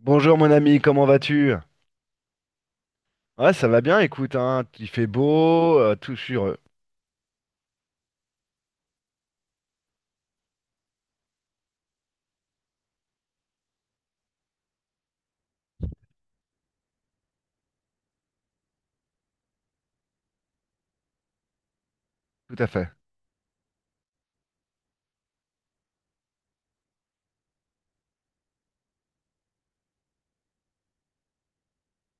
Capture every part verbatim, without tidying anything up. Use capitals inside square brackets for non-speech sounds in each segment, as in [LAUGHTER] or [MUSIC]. Bonjour mon ami, comment vas-tu? Ouais, ça va bien, écoute, hein, il fait beau, euh, tout, je suis heureux, tout à fait.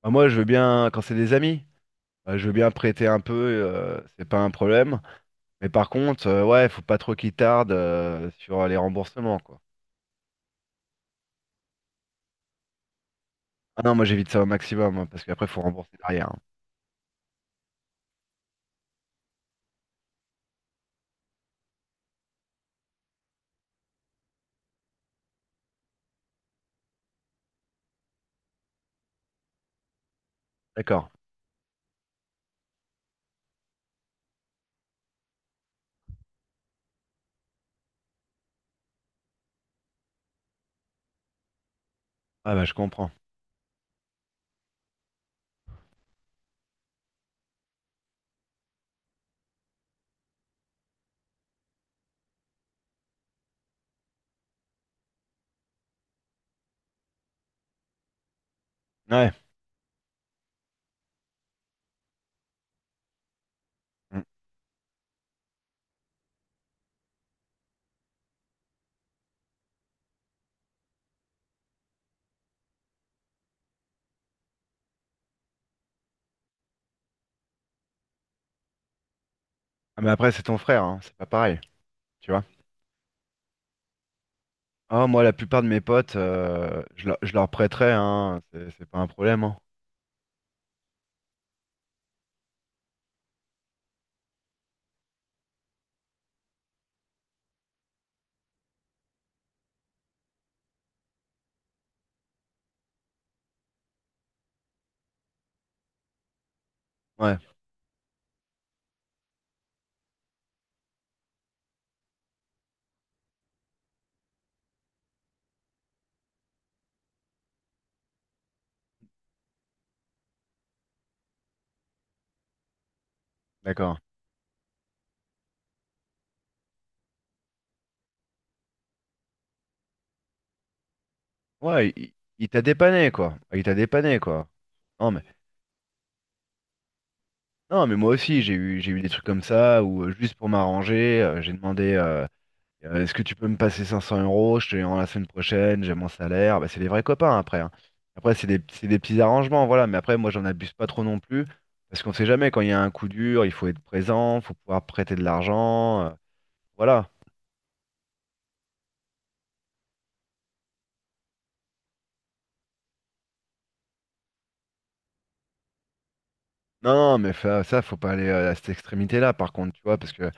Bah, moi, je veux bien, quand c'est des amis, euh, je veux bien prêter un peu, euh, c'est pas un problème. Mais par contre, euh, ouais, faut pas trop qu'ils tardent euh, sur euh, les remboursements, quoi. Ah non, moi j'évite ça au maximum, hein, parce qu'après, faut rembourser derrière. hein. D'accord. Ah bah, je comprends. Ouais. Ah, mais après, c'est ton frère, hein, c'est pas pareil, tu vois. Ah, moi, la plupart de mes potes, euh, je, leur je leur prêterais, hein, c'est c'est pas un problème. hein. Ouais, d'accord. Ouais, il, il- il t'a dépanné, quoi. Ah, il t'a dépanné, quoi. Non, mais, non, mais moi aussi, j'ai eu, j'ai eu des trucs comme ça, où euh, juste pour m'arranger, euh, j'ai demandé. euh, Euh, Est-ce que tu peux me passer cinq cents euros? Je te les rends la semaine prochaine, j'ai mon salaire. Bah, c'est des vrais copains après. hein. Après, c'est des, c'est des petits arrangements, voilà. Mais après, moi, j'en abuse pas trop non plus. Parce qu'on sait jamais, quand il y a un coup dur, il faut être présent, faut pouvoir prêter de l'argent, euh, voilà. Non, non, mais fa- ça, faut pas aller euh, à cette extrémité-là, par contre, tu vois. Parce que,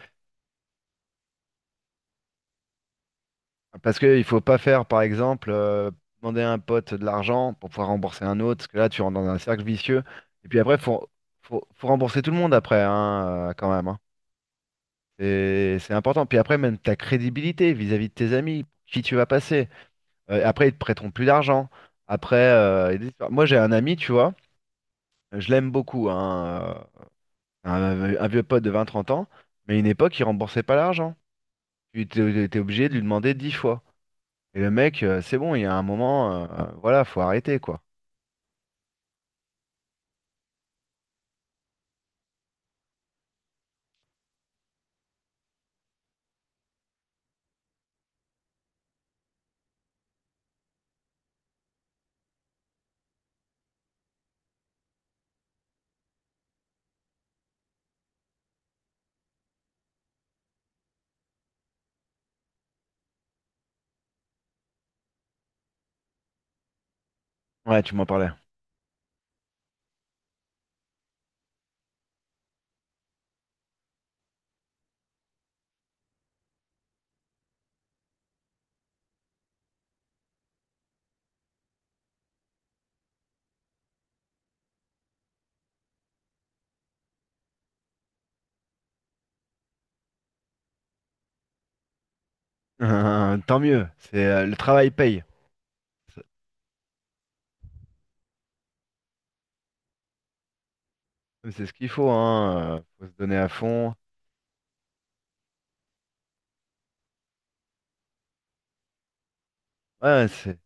parce que il faut pas faire, par exemple, euh, demander à un pote de l'argent pour pouvoir rembourser un autre. Parce que là, tu rentres dans un cercle vicieux. Et puis après, faut, faut, faut rembourser tout le monde après, hein, euh, quand même. hein. C'est c'est important. Puis après, même ta crédibilité vis-à-vis de tes amis, pour qui tu vas passer. Euh, après, ils te prêteront plus d'argent. Après, euh, il y a des histoires. Moi j'ai un ami, tu vois, je l'aime beaucoup, hein, euh, un, un vieux pote de vingt trente ans, mais à une époque, il remboursait pas l'argent. Tu étais obligé de lui demander dix fois. Et le mec, euh, c'est bon, il y a un moment, euh, voilà, faut arrêter, quoi. Ouais, tu m'en parlais. [LAUGHS] Tant mieux, c'est euh, le travail paye. C'est c'est ce qu'il faut, hein. euh, Faut se donner à fond. Ouais, c'est.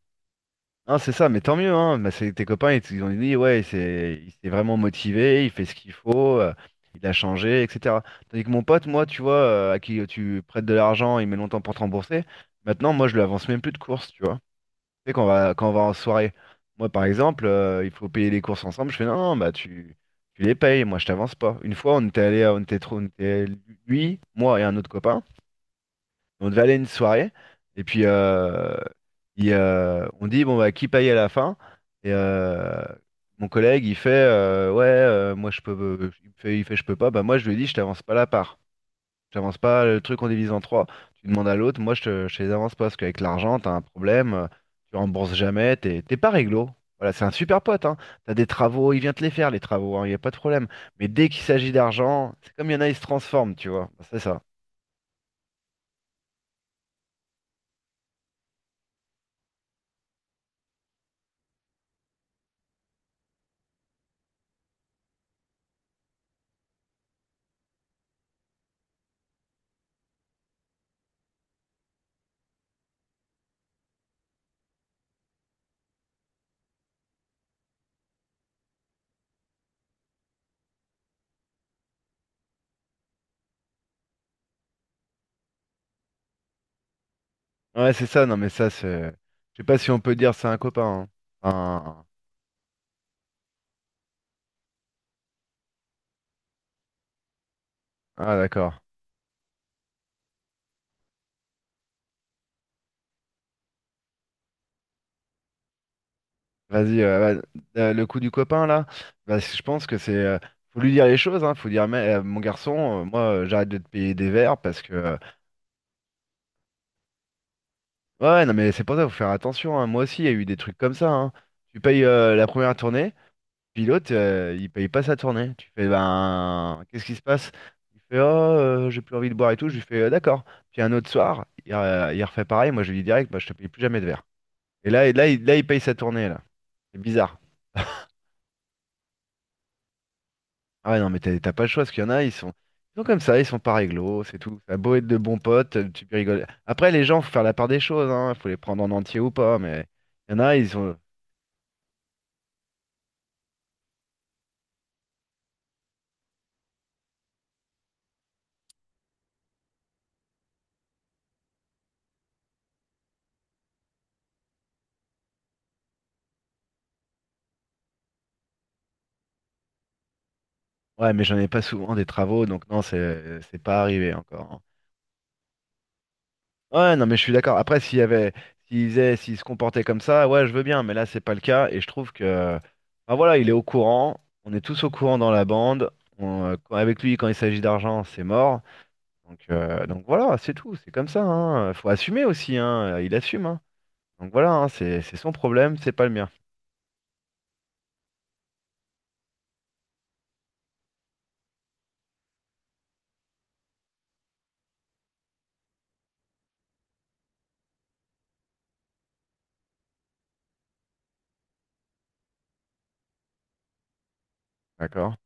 Non, c'est ça, mais tant mieux, hein. Bah, c'est- tes copains, ils, t- ils ont dit, ouais, c'est, il s'est vraiment motivé, il fait ce qu'il faut, euh, il a changé, et cetera. Tandis que mon pote, moi, tu vois, euh, à qui tu prêtes de l'argent, il met longtemps pour te rembourser. Maintenant, moi, je lui avance même plus de courses, tu vois. Tu sais, quand on va, quand on va en soirée, moi, par exemple, euh, il faut payer les courses ensemble. Je fais, non, non, bah, tu, tu les payes, moi, je t'avance pas. Une fois, on était allé, à- on était trop, on était, lui, moi et un autre copain. On devait aller à une soirée, et puis euh, il, euh, on dit, bon, bah, qui paye à la fin? Et euh, mon collègue, il fait, euh, ouais, euh, moi, je peux, euh, il fait, il fait, je peux pas. Bah, moi, je lui ai dit, je t'avance pas la part. Je t'avance pas le truc en divise en trois. Tu demandes à l'autre, moi, je te, je te les avance pas, parce qu'avec l'argent, t'as un problème, euh, tu rembourses jamais, t'es t'es pas réglo. Voilà, c'est un super pote, hein. T'as des travaux, il vient te les faire, les travaux, il n'y a pas de problème. Mais dès qu'il s'agit d'argent, c'est comme il y en a, ils se transforment, tu vois. Bah, c'est ça. Ouais, c'est ça, non, mais ça, c'est. Je sais pas si on peut dire c'est un copain. hein. Enfin, ah, d'accord. Vas-y, euh, va- euh, le coup du copain, là, bah, je pense que c'est. euh, Faut lui dire les choses, hein. Faut dire, mais, euh, mon garçon, euh, moi, euh, j'arrête de te payer des verres parce que. euh, Ouais, ouais, non, mais c'est pour ça, faut faire attention, hein. Moi aussi, il y a eu des trucs comme ça, hein. Tu payes euh, la première tournée, puis l'autre, euh, il paye pas sa tournée. Tu fais, ben, qu'est-ce qui se passe? Il fait, oh, euh, j'ai plus envie de boire et tout. Je lui fais, euh, d'accord. Puis un autre soir, il, euh, il refait pareil. Moi, je lui dis direct, bah, je te paye plus jamais de verre. Et là, et là, il, là, il paye sa tournée, là. C'est bizarre. Ah ouais, non, mais t'as t'as pas le choix, parce qu'il y en a, ils sont, ils sont comme ça, ils sont pas réglo, c'est tout. Ça a beau être de bons potes, tu peux rigoler. Après, les gens, faut faire la part des choses, hein. Faut les prendre en entier ou pas, mais il y en a, ils sont... Ouais, mais j'en ai pas souvent des travaux, donc non, c'est c'est pas arrivé encore. hein. Ouais, non, mais je suis d'accord. Après, s'il y avait... S'ils faisaient- s'ils se comportaient comme ça, ouais, je veux bien, mais là, c'est pas le cas, et je trouve que... Ah voilà, il est au courant, on est tous au courant dans la bande, on, euh, quand- avec lui, quand il s'agit d'argent, c'est mort. Donc, euh, donc voilà, c'est tout, c'est comme ça, hein. Faut assumer aussi, hein. euh, Il assume, hein. Donc voilà, hein, c'est c'est son problème, c'est pas le mien. D'accord?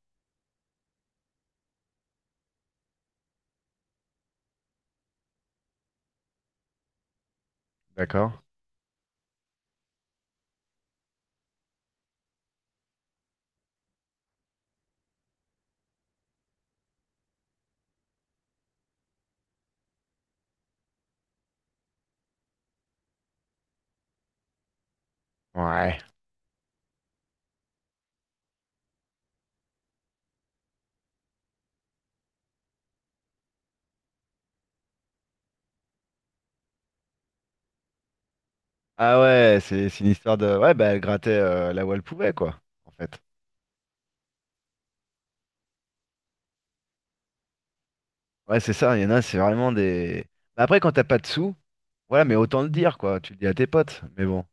D'accord? Ouais. Ah ouais, c'est c'est une histoire de. Ouais, bah elle grattait euh, là où elle pouvait, quoi, en fait. Ouais, c'est ça, il y en a, c'est vraiment des. Bah, après, quand t'as pas de sous, voilà, mais autant le dire, quoi. Tu le dis à tes potes, mais bon.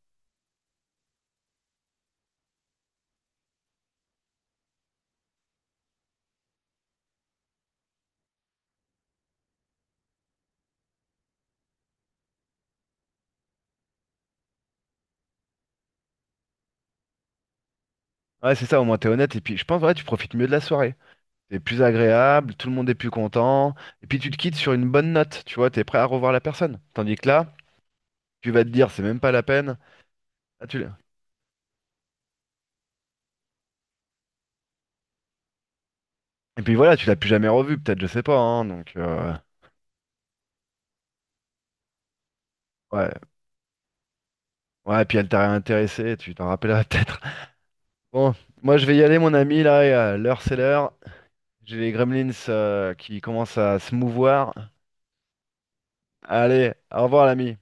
Ouais, c'est ça, au moins t'es honnête, et puis je pense, ouais, tu profites mieux de la soirée. C'est plus agréable, tout le monde est plus content, et puis tu te quittes sur une bonne note, tu vois, t'es prêt à revoir la personne. Tandis que là, tu vas te dire, c'est même pas la peine. Ah, tu l'as- et puis voilà, tu l'as plus jamais revu, peut-être, je sais pas, hein, donc, euh, ouais. Ouais, et puis elle t'a réintéressé, tu t'en rappelleras peut-être. [LAUGHS] Bon, moi je vais y aller, mon ami, là, et, euh, l'heure c'est l'heure. J'ai les gremlins euh, qui commencent à se mouvoir. Allez, au revoir, l'ami.